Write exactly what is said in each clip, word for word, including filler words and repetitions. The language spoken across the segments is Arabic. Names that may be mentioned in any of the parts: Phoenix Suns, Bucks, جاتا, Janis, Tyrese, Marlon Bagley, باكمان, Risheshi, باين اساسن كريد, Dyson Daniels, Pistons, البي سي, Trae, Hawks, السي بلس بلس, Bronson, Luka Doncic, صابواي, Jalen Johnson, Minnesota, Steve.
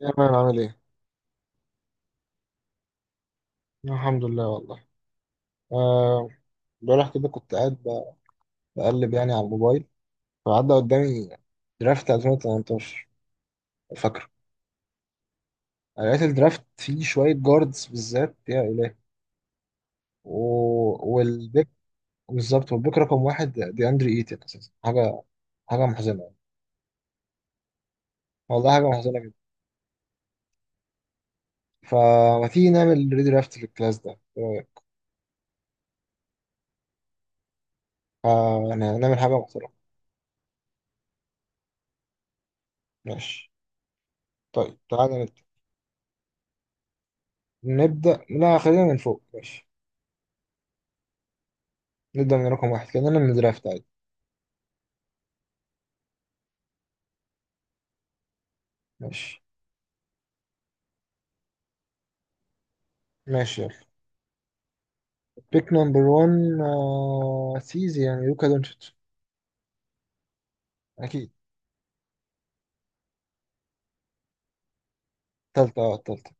يا مان عامل ايه؟ الحمد لله والله. آه. امبارح كده كنت قاعد ب- بقلب يعني على الموبايل. فعدى قدامي درافت ألفين وتمنتاشر فاكره. لقيت الدرافت فيه شوية جاردز بالذات يا إلهي و... والبيك. بالظبط، والبيك رقم واحد دي أندري إيتن أساسا، حاجة حاجة محزنة يعني. والله حاجة محزنة جدا. فما تيجي نعمل ريدرافت في الكلاس ده، إيه رأيك؟ آه يعني نعمل حاجة محترمة. ماشي، طيب تعالى نبدأ. نبدأ لا، خلينا من فوق ماشي. نبدأ من رقم واحد كأننا من درافت عادي. ماشي ماشي يلا. بيك نمبر واحد، آه سيزي يعني لوكا دونتش. أكيد. تالتة، اه التالتة.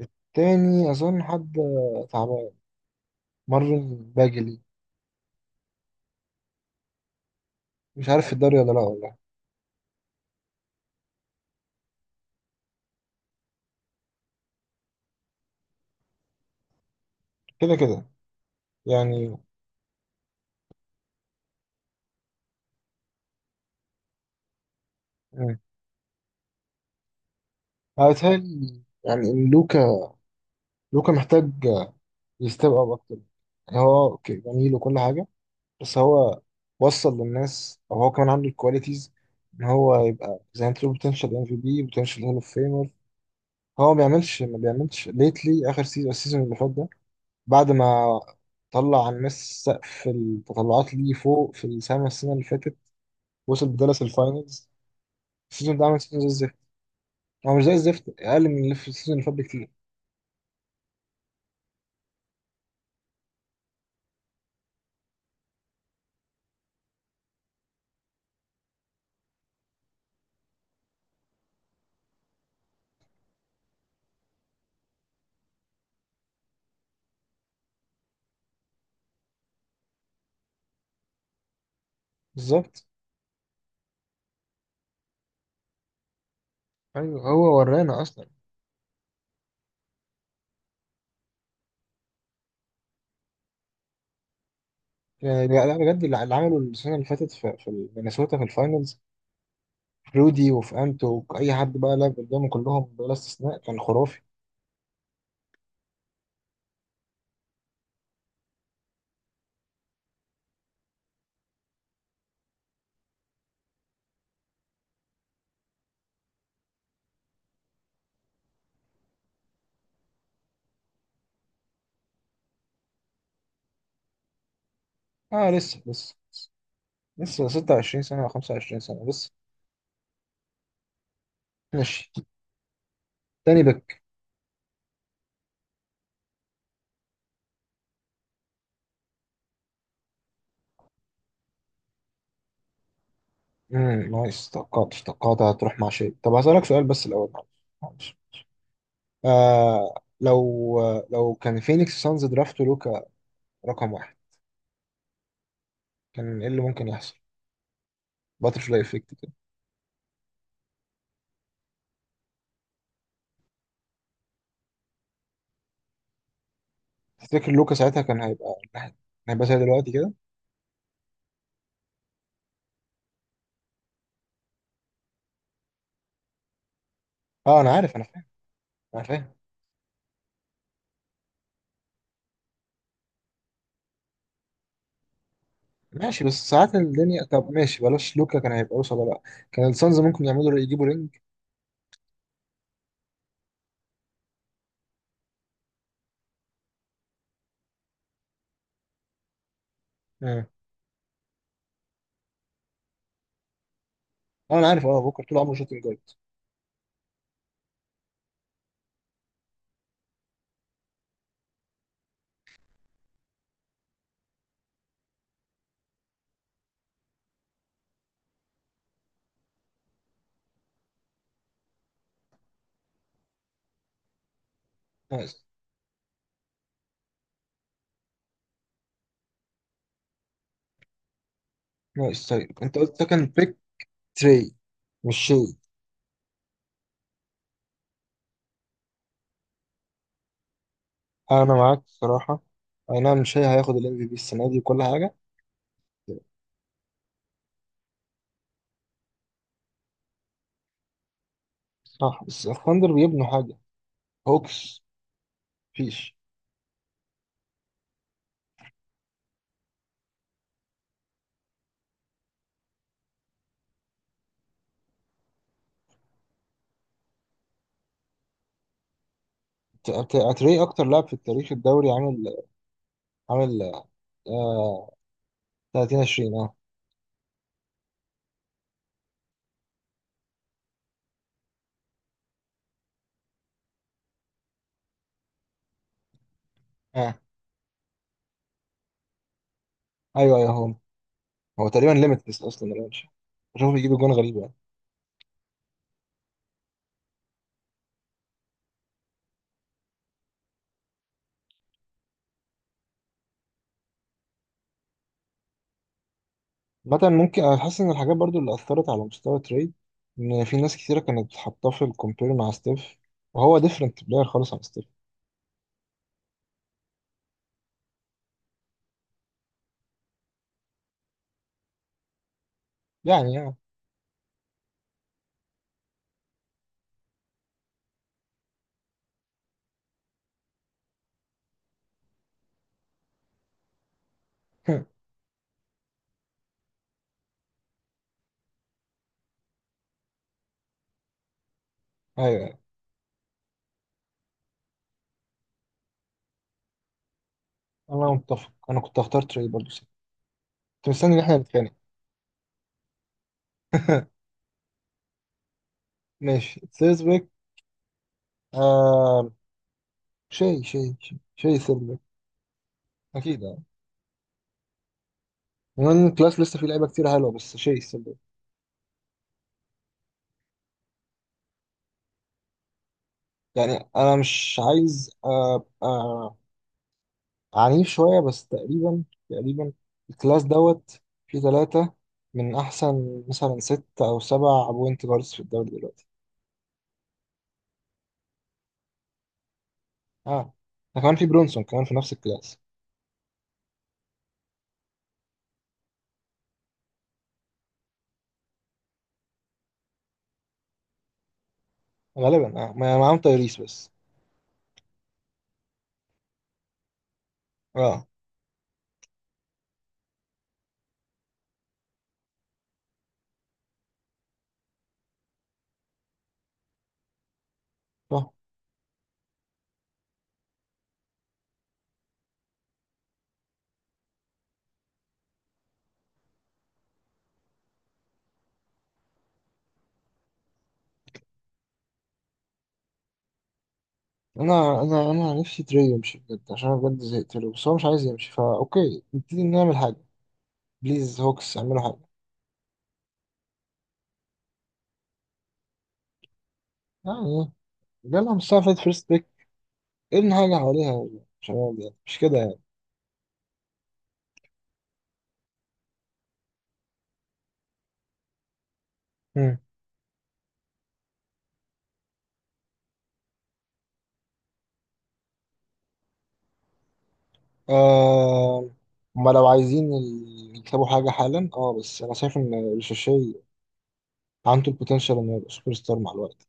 التاني أظن حد آه، تعبان، مارلون باجلي. مش عارف في الدوري ولا لا والله. كده كده يعني. مم. أنا بتهيألي يعني إن لوكا لوكا محتاج يستيب أب أكتر. يعني هو أوكي جميل وكل حاجة، بس هو وصل للناس، أو هو كمان عنده الكواليتيز إن هو يبقى زي ما أنت بوتنشال ام في بي، بوتنشال هول اوف فيمر. هو ما بيعملش ما بيعملش ليتلي اخر سيزون، السيزون اللي فات ده. بعد ما طلع على الناس سقف التطلعات ليه فوق في السما السنه اللي فاتت، وصل بدالاس الفاينلز. السيزون ده عمل سيزون زي الزفت. هو مش زي الزفت، اقل من اللي في السيزون اللي فات بكتير. بالظبط. ايوه هو ورانا اصلا. يعني لا لا بجد، اللي اللي عمله السنه اللي فاتت في في مينيسوتا في الفاينلز، في رودي وفي انتو، اي حد بقى لعب قدامه كلهم بلا استثناء كان خرافي. اه، لسه لسه لسه ستة وعشرين سنه او خمسة وعشرين سنه لسه. ماشي. تاني. امم نايس. توقعت توقعت هتروح مع شيء. طب هسألك سؤال بس الأول، معلش معلش. آه لو لو كان فينيكس سانز درافت لوكا رقم واحد، كان ايه اللي ممكن يحصل؟ باترفلاي افكت كده. تفتكر لوكا ساعتها كان هيبقى كان هيبقى زي دلوقتي كده؟ اه انا عارف، انا فاهم انا فاهم. ماشي. بس ساعات الدنيا. طب ماشي بلاش لوكا كان هيبقى وصل ولا لا. كان السانز ممكن يعملوا يجيبوا رينج. اه. آه، انا عارف. اه بكره طول عمره شوتنج جارد. نايس نايس طيب انت قلت ده كان بيك تري. مش شيء. انا معاك الصراحه. اي نعم مش هي هياخد الام في بي السنه دي وكل حاجه. صح بس الثاندر بيبنوا حاجه. هوكس مفيش. ت- ت- اتري اكتر لاعب في التاريخ الدوري عامل عامل آه ثلاثين عشرين. اه اه، ايوه ايوه، هو هو تقريبا ليميتلس اصلا الرانش. بشوفه بيجيب جون غريب يعني. مثلا ممكن انا حاسس ان الحاجات برضو اللي اثرت على مستوى تري ان في ناس كثيره كانت حاطاه في الكومبير مع ستيف، وهو ديفرنت بلاير خالص عن ستيف. يعني يعني. ايوه. أيوة. انا متفق، انا كنت هختار تري برضو، كنت مستني ان احنا نتخانق. ماشي سيرسبيك. آه. شيء شيء شيء شيء سيرسبيك. اكيد يعني. المهم الكلاس لسه فيه لعيبه كتير حلوه بس شيء سيرسبيك. يعني انا مش عايز ابقى آه عنيف شويه بس تقريبا، تقريبا الكلاس دوت فيه ثلاثه من احسن مثلا ست او سبع بوينت جاردز في الدوري دلوقتي. اه، ده كمان في برونسون كمان في نفس الكلاس. غالبا آه. ما- معاهم تايريس بس. اه، انا انا انا نفسي تري يمشي بجد عشان انا بجد زهقت له. بس هو مش عايز يمشي فا اوكي، نبتدي نعمل حاجه. بليز هوكس اعملوا حاجه يعني. جالهم الساعه فات فيرست بيك، ابني حاجه حواليها يا شباب يعني مش كده يعني. هم. آه. هما لو عايزين ال- يكتبوا حاجه حالا. اه بس انا شايف ان الشاشي عنده البوتنشال انه يبقى سوبر ستار مع الوقت.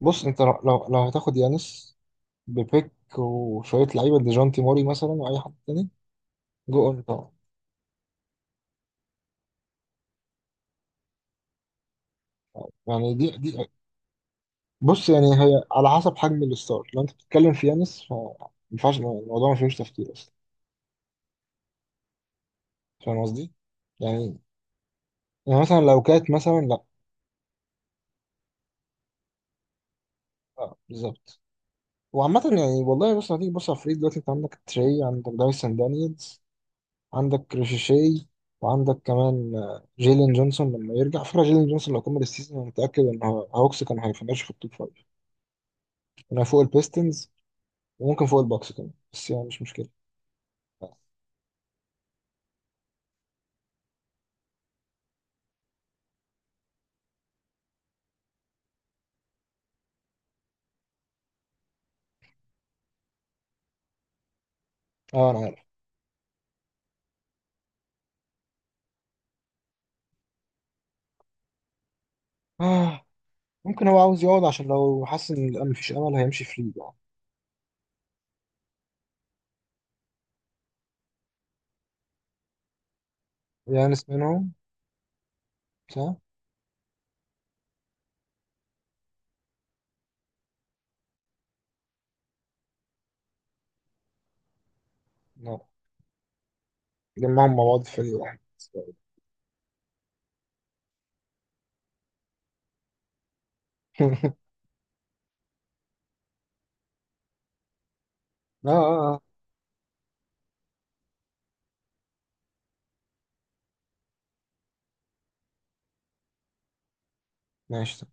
بص انت لو لو لو هتاخد يانس ببيك وشويه لعيبه ديجونتي موري مثلا واي حد تاني. جو اون طبعا. يعني دي دي بص يعني هي على حسب حجم الستار، لو انت بتتكلم في يانس فما ينفعش الموضوع ما فيهوش تفكير اصلا. فاهم قصدي؟ يعني يعني مثلا لو كانت مثلا لا. آه بالظبط. وعامة يعني والله، بص هتيجي بص على الفريق دلوقتي، انت عندك تري، عندك دايسون دانييلز، عندك ريشيشي، وعندك كمان آه، جيلين جونسون لما يرجع. على فكرة جيلين جونسون لو كمل السيزون انا متأكد ان هو- هوكس كان هيفنش في التوب فايف. كان فوق البيستنز وممكن فوق الباكس كمان، بس يعني مش مشكلة. اه. آه، انا عارف. آه. ممكن هو عاوز يقعد عشان لو حس ان الأمل- مفيش امل هيمشي في ليج يعني. يانس منهم، صح؟ لا، جمعهم مع بعض في فريق واحد. اه اه اه. ماشي